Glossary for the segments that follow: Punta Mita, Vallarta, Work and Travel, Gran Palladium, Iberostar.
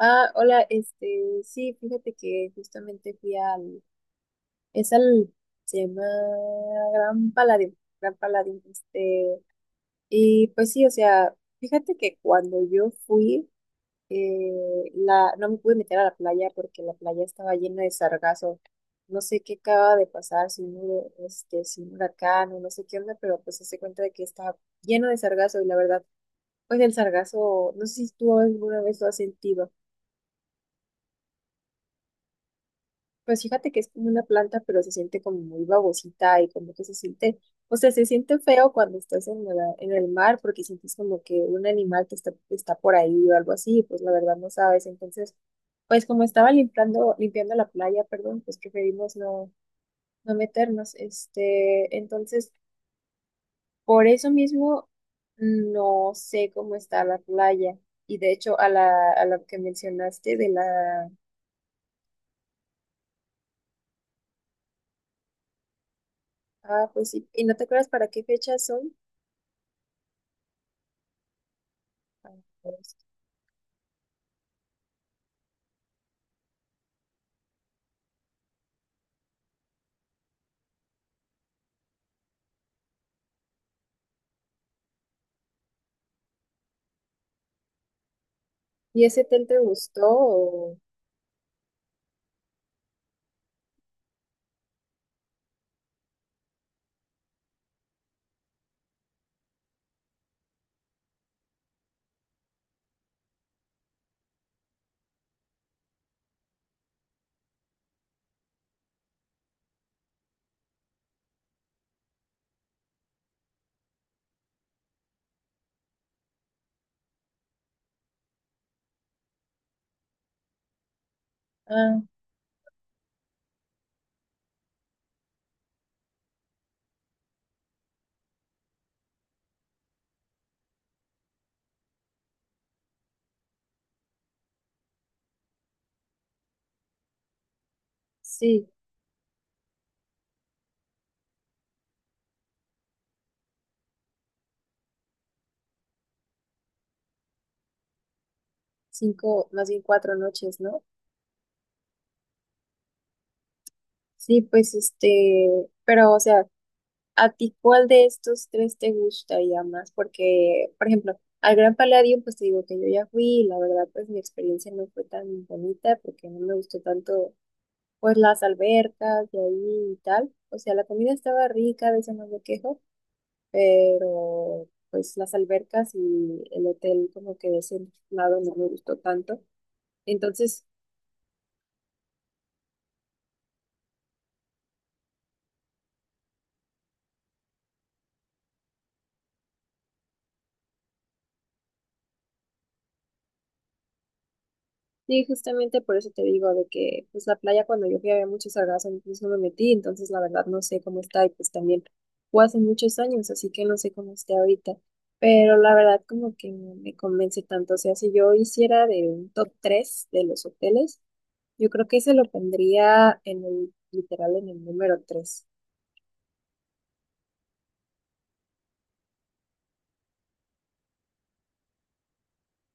Ah, hola, sí, fíjate que justamente fui al, es al, se llama Gran Palladium, Gran Palladium. Y pues sí, o sea, fíjate que cuando yo fui, no me pude meter a la playa porque la playa estaba llena de sargazo. No sé qué acaba de pasar, si un huracán o no sé qué onda, pero pues se hace cuenta de que estaba lleno de sargazo. Y la verdad, pues el sargazo, no sé si tú alguna vez lo has sentido. Pues fíjate que es como una planta, pero se siente como muy babosita y como que se siente, o sea, se siente feo cuando estás en el mar porque sientes como que un animal que está por ahí o algo así, pues la verdad no sabes. Entonces, pues como estaba limpiando la playa, perdón, pues preferimos no, no meternos. Entonces, por eso mismo no sé cómo está la playa. Y de hecho, a la que mencionaste de la. Ah, pues sí, ¿y no te acuerdas para qué fechas son? Ah, pues, ¿y ese hotel te gustó? Ah, sí, 5, más bien 4 noches, ¿no? Sí, pues pero o sea, ¿a ti cuál de estos tres te gustaría más? Porque, por ejemplo, al Gran Palladium, pues te digo que yo ya fui y la verdad, pues mi experiencia no fue tan bonita porque no me gustó tanto, pues las albercas de ahí y tal. O sea, la comida estaba rica, de eso no me quejo, pero pues las albercas y el hotel como que de ese lado no me gustó tanto. Entonces, sí, justamente por eso te digo de que pues la playa cuando yo fui había muchas algas, entonces no me metí, entonces la verdad no sé cómo está y pues también fue hace muchos años, así que no sé cómo esté ahorita. Pero la verdad como que no me convence tanto, o sea, si yo hiciera de un top 3 de los hoteles, yo creo que ese lo pondría en el, literal en el número 3.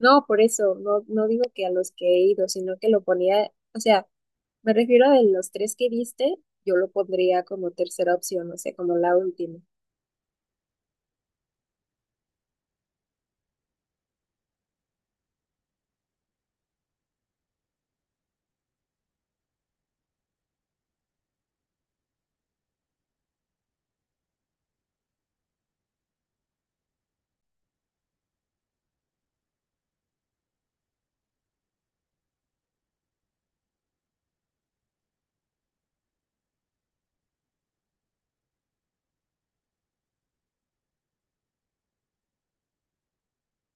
No, por eso, no, no digo que a los que he ido, sino que lo ponía, o sea, me refiero de los tres que diste, yo lo pondría como tercera opción, o sea, como la última.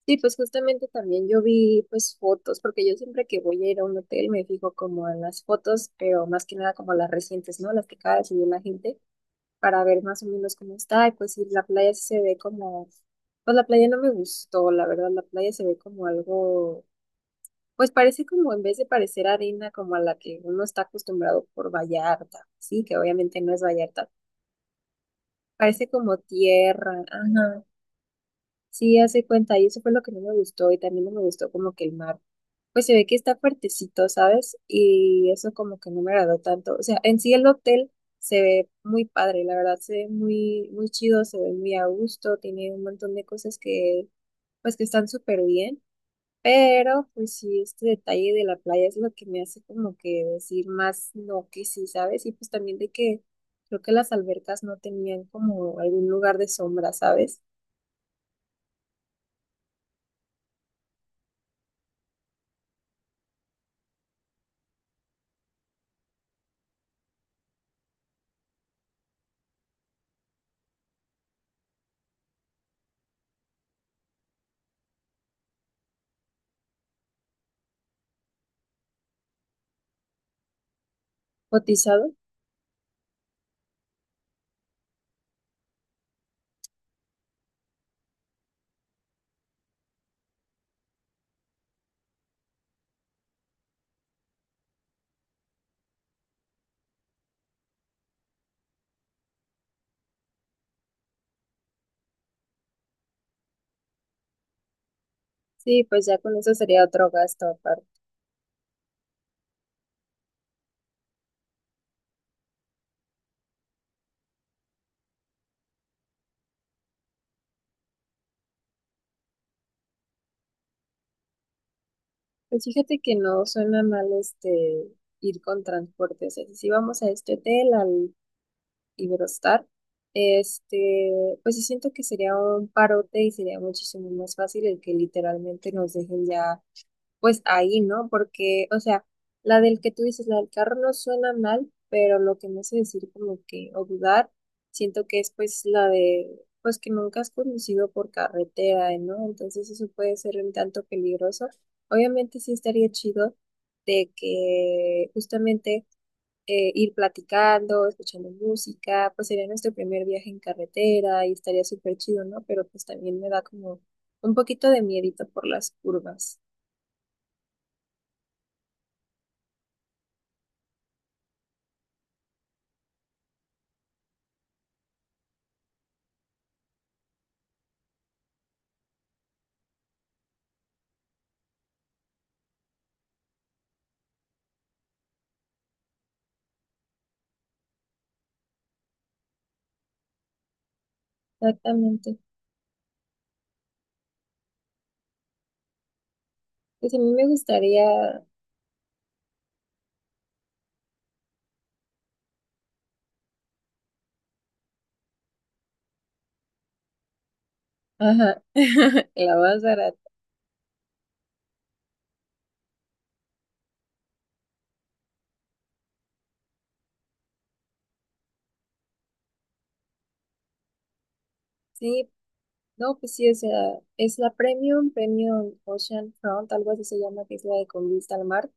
Sí, pues justamente también yo vi pues fotos, porque yo siempre que voy a ir a un hotel me fijo como en las fotos, pero más que nada como las recientes, ¿no? Las que acaba de subir la gente, para ver más o menos cómo está, y pues si la playa sí se ve como, pues la playa no me gustó, la verdad, la playa se ve como algo. Pues parece como en vez de parecer arena como a la que uno está acostumbrado por Vallarta, sí, que obviamente no es Vallarta, parece como tierra, ajá, sí, hace cuenta, y eso fue lo que no me gustó, y también no me gustó como que el mar, pues se ve que está fuertecito, ¿sabes? Y eso como que no me agradó tanto, o sea, en sí el hotel se ve muy padre, la verdad, se ve muy, muy chido, se ve muy a gusto, tiene un montón de cosas que, pues que están súper bien. Pero pues sí, este detalle de la playa es lo que me hace como que decir más no que sí, ¿sabes? Y pues también de que creo que las albercas no tenían como algún lugar de sombra, ¿sabes? Cotizado. Sí, pues ya con eso sería otro gasto aparte. Pues fíjate que no suena mal ir con transporte. O sea, si vamos a este hotel, al Iberostar, pues sí siento que sería un parote y sería muchísimo más fácil el que literalmente nos dejen ya pues ahí, ¿no? Porque, o sea, la del que tú dices, la del carro no suena mal, pero lo que me hace decir como que, o dudar, siento que es pues la de, pues que nunca has conducido por carretera, ¿no? Entonces eso puede ser un tanto peligroso. Obviamente sí estaría chido de que justamente ir platicando, escuchando música, pues sería nuestro primer viaje en carretera y estaría súper chido, ¿no? Pero pues también me da como un poquito de miedito por las curvas. Exactamente. Pues a mí me gustaría, ajá, la más barata. Sí, no, pues sí, o sea, es la Premium, Premium Ocean Front, algo así se llama, que es la de con vista al mar.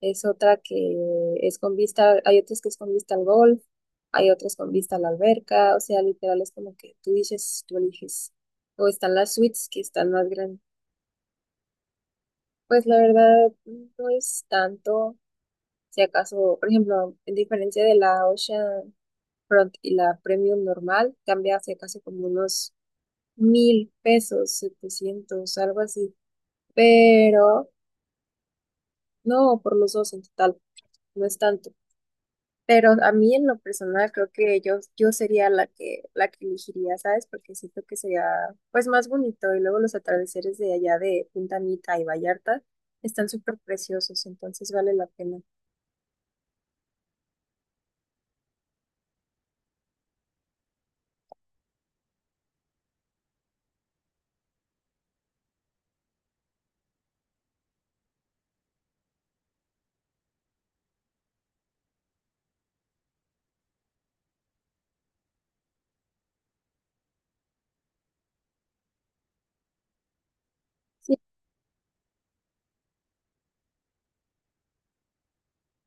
Es otra que es con vista, hay otras que es con vista al golf, hay otras con vista a la alberca, o sea, literal es como que tú dices, tú eliges. O están las suites que están más grandes. Pues la verdad, no es tanto, si acaso, por ejemplo, en diferencia de la Ocean Front y la Premium normal cambia hacia casi como unos 1,000 pesos, 700 algo así. Pero no, por los dos en total, no es tanto. Pero a mí en lo personal creo que yo sería la que elegiría, ¿sabes? Porque siento que sería pues más bonito y luego los atardeceres de allá de Punta Mita y Vallarta están súper preciosos, entonces vale la pena. Sí,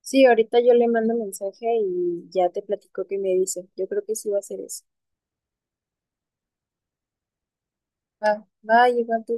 sí, ahorita yo le mando mensaje y ya te platico qué me dice. Yo creo que sí va a ser eso. Va, va, igual tú.